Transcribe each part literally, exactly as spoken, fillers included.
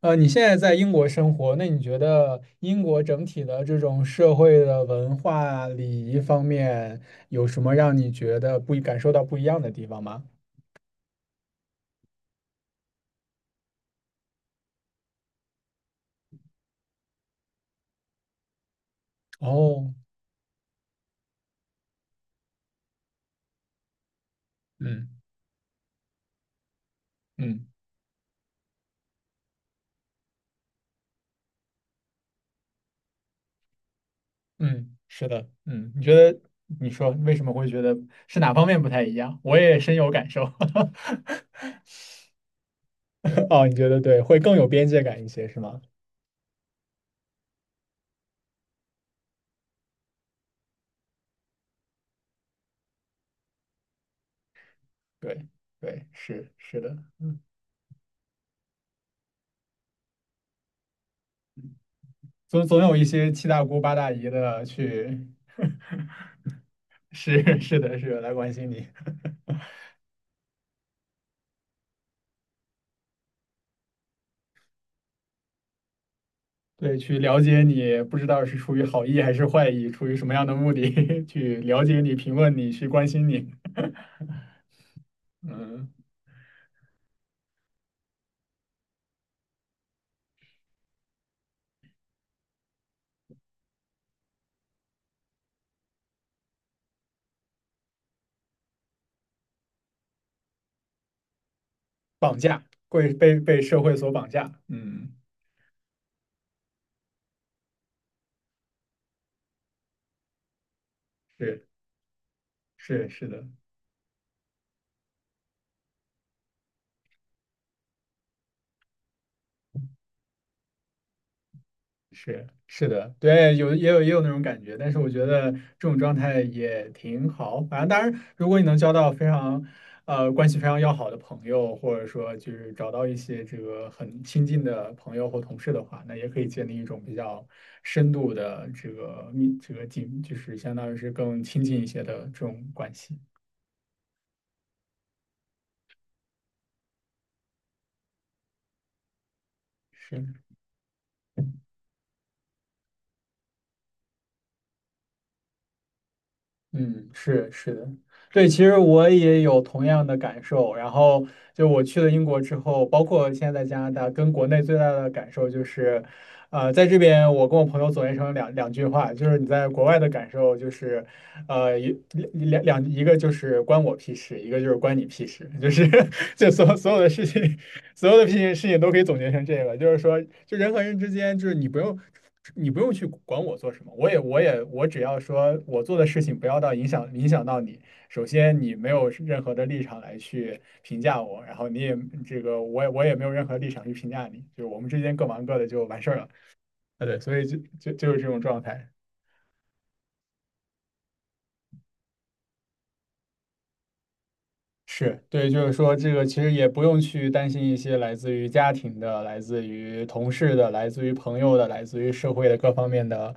呃，你现在在英国生活，那你觉得英国整体的这种社会的文化礼仪方面，有什么让你觉得不一感受到不一样的地方吗？哦，嗯嗯嗯，是的，嗯，你觉得你说为什么会觉得是哪方面不太一样？我也深有感受。哦，你觉得对，会更有边界感一些，是吗？对对，是是的，总总有一些七大姑八大姨的去，是 是的是的来关心你。对，去了解你，不知道是出于好意还是坏意，出于什么样的目的 去了解你、评论你、去关心你。嗯，绑架，会被被社会所绑架。嗯，是是是的。是是的，对，有也有也有那种感觉，但是我觉得这种状态也挺好。反正当然，如果你能交到非常呃关系非常要好的朋友，或者说就是找到一些这个很亲近的朋友或同事的话，那也可以建立一种比较深度的这个密这个紧，就是相当于是更亲近一些的这种关系。是。嗯，是是的，对，其实我也有同样的感受。然后就我去了英国之后，包括现在在加拿大，跟国内最大的感受就是，呃，在这边我跟我朋友总结成两两句话，就是你在国外的感受就是，呃，一两两一个就是关我屁事，一个就是关你屁事，就是 就所所有的事情所有的事情事情都可以总结成这个，就是说，就人和人之间，就是你不用，你不用去管我做什么，我也我也我只要说我做的事情不要到影响影响到你。首先，你没有任何的立场来去评价我，然后你也这个我也我也没有任何立场去评价你，就是我们之间各忙各的就完事儿了。啊，对，所以就就就是这种状态。是对，就是说这个其实也不用去担心一些来自于家庭的、来自于同事的、来自于朋友的、来自于社会的各方面的，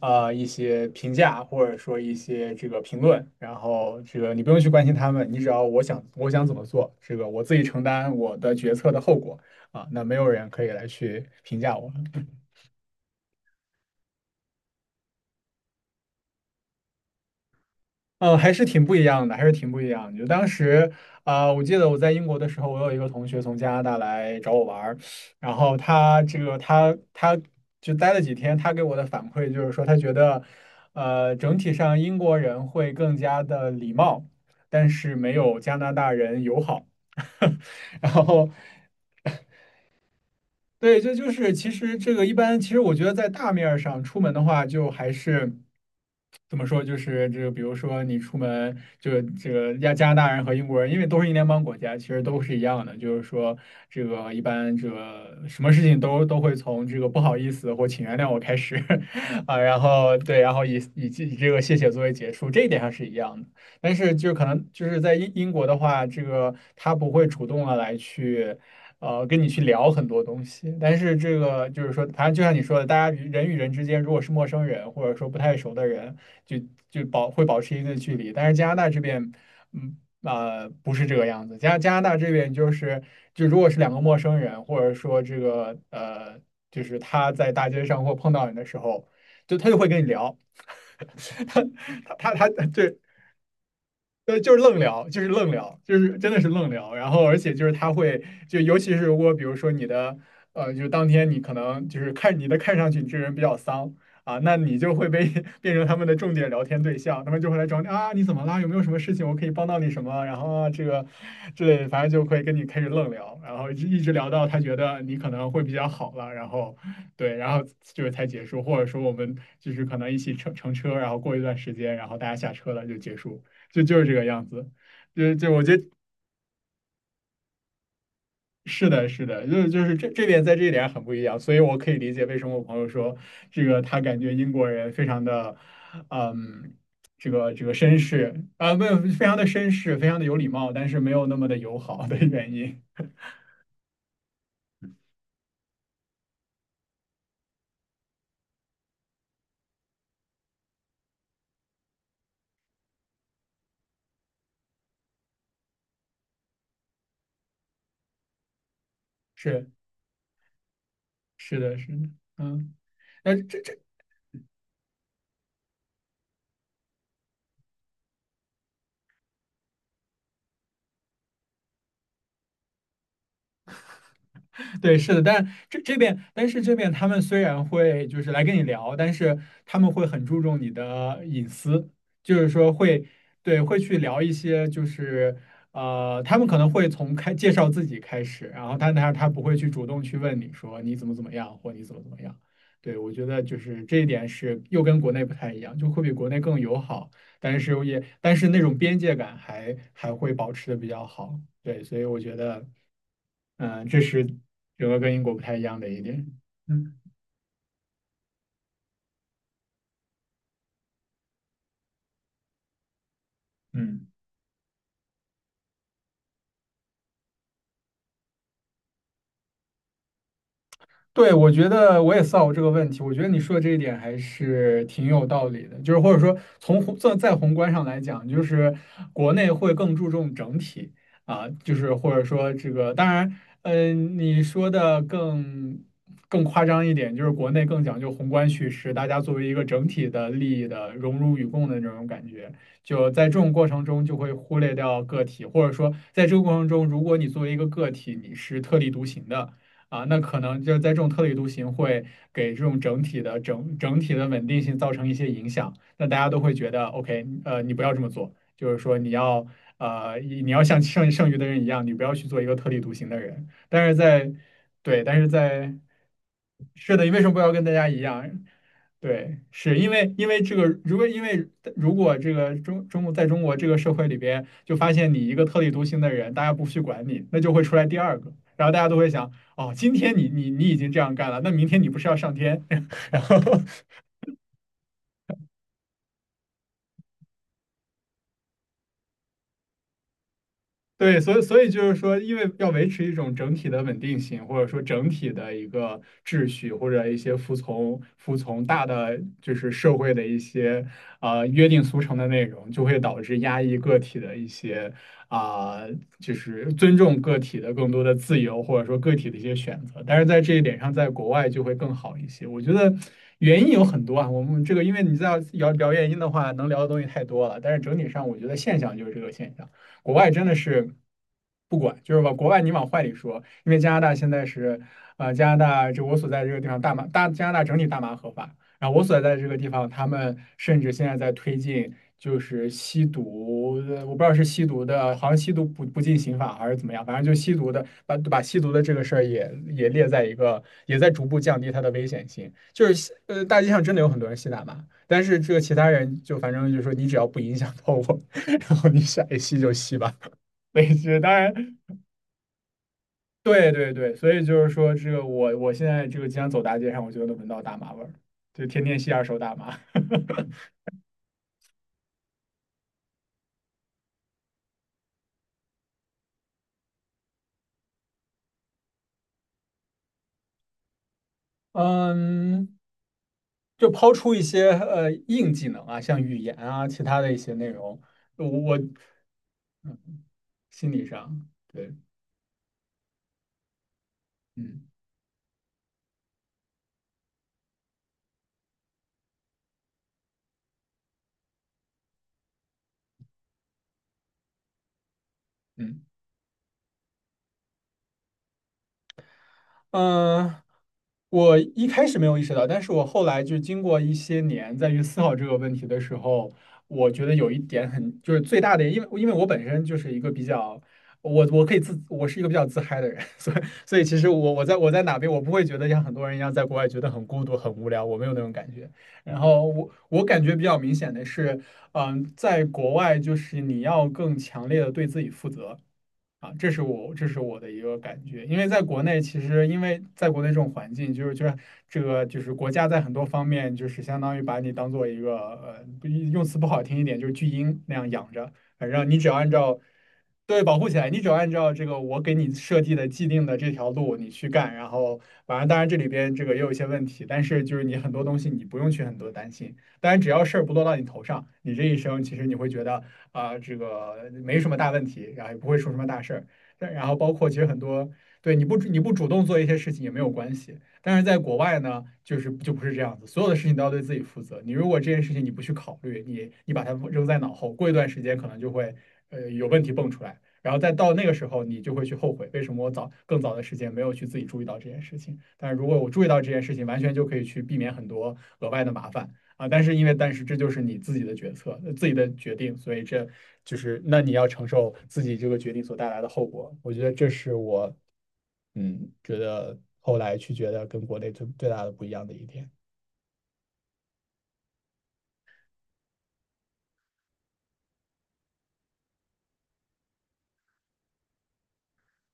呃，一些评价或者说一些这个评论。然后这个你不用去关心他们，你只要我想我想怎么做，这个我自己承担我的决策的后果啊，那没有人可以来去评价我。嗯，还是挺不一样的，还是挺不一样的。就当时啊，我记得我在英国的时候，我有一个同学从加拿大来找我玩儿，然后他这个他他就待了几天，他给我的反馈就是说，他觉得呃整体上英国人会更加的礼貌，但是没有加拿大人友好。然后，对，这就是其实这个一般，其实我觉得在大面儿上出门的话，就还是。怎么说？就是这个，比如说你出门，就这个加加拿大人和英国人，因为都是英联邦国家，其实都是一样的。就是说，这个一般这个什么事情都都会从这个不好意思或请原谅我开始 啊，然后对，然后以以这以这个谢谢作为结束，这一点上是一样的。但是就可能就是在英英国的话，这个他不会主动的来去。呃，跟你去聊很多东西。但是这个就是说，反正就像你说的，大家与人与人之间，如果是陌生人或者说不太熟的人，就就保会保持一定的距离。但是加拿大这边，嗯呃，不是这个样子。加加拿大这边就是，就如果是两个陌生人，或者说这个呃，就是他在大街上或碰到你的时候，就他就会跟你聊，他他他他对对，就是愣聊，就是愣聊，就是真的是愣聊。然后，而且就是他会，就尤其是如果比如说你的，呃，就是当天你可能就是看你的看上去你这个人比较丧啊，那你就会被 变成他们的重点聊天对象，他们就会来找你啊，你怎么啦？有没有什么事情我可以帮到你什么？然后啊，这个之类的，反正就会跟你开始愣聊，然后一直聊到他觉得你可能会比较好了，然后对，然后就是才结束，或者说我们就是可能一起乘乘车，然后过一段时间，然后大家下车了就结束。就就是这个样子，就就我觉得是的，是的，就是就是这这点在这一点很不一样，所以我可以理解为什么我朋友说这个他感觉英国人非常的，嗯，这个这个绅士啊，没有非常的绅士，非常的有礼貌，但是没有那么的友好的原因。是是的，是的，嗯，那这对，是的，但这这边，但是这边他们虽然会就是来跟你聊，但是他们会很注重你的隐私，就是说会，对，会去聊一些就是呃，他们可能会从开介绍自己开始，然后但他他不会去主动去问你说你怎么怎么样或你怎么怎么样。对，我觉得就是这一点是又跟国内不太一样，就会比国内更友好。但是也但是那种边界感还还会保持的比较好，对，所以我觉得，嗯，这是整个跟英国不太一样的一点，嗯，嗯。对，我觉得我也思考过这个问题。我觉得你说的这一点还是挺有道理的，就是或者说从宏在再宏观上来讲，就是国内会更注重整体啊，就是或者说这个，当然，嗯，你说的更更夸张一点，就是国内更讲究宏观叙事，大家作为一个整体的利益的荣辱与共的这种感觉，就在这种过程中就会忽略掉个体，或者说在这个过程中，如果你作为一个个体，你是特立独行的。啊，那可能就是在这种特立独行会给这种整体的整整体的稳定性造成一些影响，那大家都会觉得，OK，呃，你不要这么做，就是说你要呃，你你要像剩剩余的人一样，你不要去做一个特立独行的人。但是在对，但是在是的，你为什么不要跟大家一样？对，是因为因为这个，如果因为如果这个中中国在中国这个社会里边，就发现你一个特立独行的人，大家不去管你，那就会出来第二个，然后大家都会想，哦，今天你你你已经这样干了，那明天你不是要上天？然后对，所以所以就是说，因为要维持一种整体的稳定性，或者说整体的一个秩序，或者一些服从服从大的就是社会的一些呃约定俗成的内容，就会导致压抑个体的一些啊，就是尊重个体的更多的自由，或者说个体的一些选择。但是在这一点上，在国外就会更好一些。我觉得原因有很多啊，我们这个因为你在聊聊原因的话，能聊的东西太多了。但是整体上，我觉得现象就是这个现象。国外真的是不管，就是往国外你往坏里说，因为加拿大现在是，呃，加拿大就我所在这个地方大麻大加拿大整体大麻合法，然后我所在的这个地方，他们甚至现在在推进就是吸毒，呃我不知道是吸毒的，好像吸毒不不进刑法还是怎么样，反正就吸毒的把把吸毒的这个事儿也也列在一个，也在逐步降低它的危险性，就是呃大街上真的有很多人吸大麻。但是这个其他人就反正就说你只要不影响到我，然后你想一吸就吸吧，没事。当然，对对对，所以就是说这个我我现在这个经常走大街上，我就能闻到大麻味儿，就天天吸二手大麻。嗯，就抛出一些呃硬技能啊，像语言啊，其他的一些内容，我我嗯心理上对，嗯嗯。嗯，我一开始没有意识到，但是我后来就经过一些年再去思考这个问题的时候，我觉得有一点很，就是最大的，因为因为我本身就是一个比较，我我可以自，我是一个比较自嗨的人，所以所以其实我我在我在哪边，我不会觉得像很多人一样在国外觉得很孤独、很无聊，我没有那种感觉。然后我我感觉比较明显的是，嗯，在国外就是你要更强烈的对自己负责。啊，这是我这是我的一个感觉，因为在国内，其实因为在国内这种环境，就是就是这个就是国家在很多方面就是相当于把你当做一个呃，不用词不好听一点，就是巨婴那样养着，反正你只要按照对保护起来，你只要按照这个我给你设计的既定的这条路你去干，然后反正当然这里边这个也有一些问题，但是就是你很多东西你不用去很多担心，当然只要事儿不落到你头上，你这一生其实你会觉得。啊、呃这个没什么大问题，然后也不会出什么大事儿。然后包括其实很多，对你不你不主动做一些事情也没有关系。但是在国外呢，就是就不是这样子，所有的事情都要对自己负责。你如果这件事情你不去考虑，你你把它扔在脑后，过一段时间可能就会呃有问题蹦出来，然后再到那个时候你就会去后悔，为什么我早更早的时间没有去自己注意到这件事情？但是如果我注意到这件事情，完全就可以去避免很多额外的麻烦。啊，但是因为但是这就是你自己的决策，呃自己的决定，所以这就是那你要承受自己这个决定所带来的后果。我觉得这是我嗯觉得后来去觉得跟国内最最大的不一样的一点。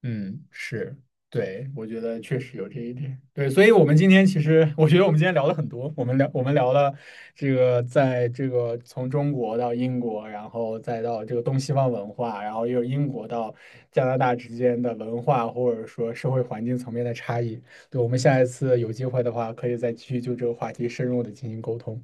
嗯，是，对，我觉得确实有这一点。对，所以我们今天其实，我觉得我们今天聊了很多，我们聊我们聊了这个，在这个从中国到英国，然后再到这个东西方文化，然后又英国到加拿大之间的文化或者说社会环境层面的差异。对，我们下一次有机会的话，可以再继续就这个话题深入的进行沟通。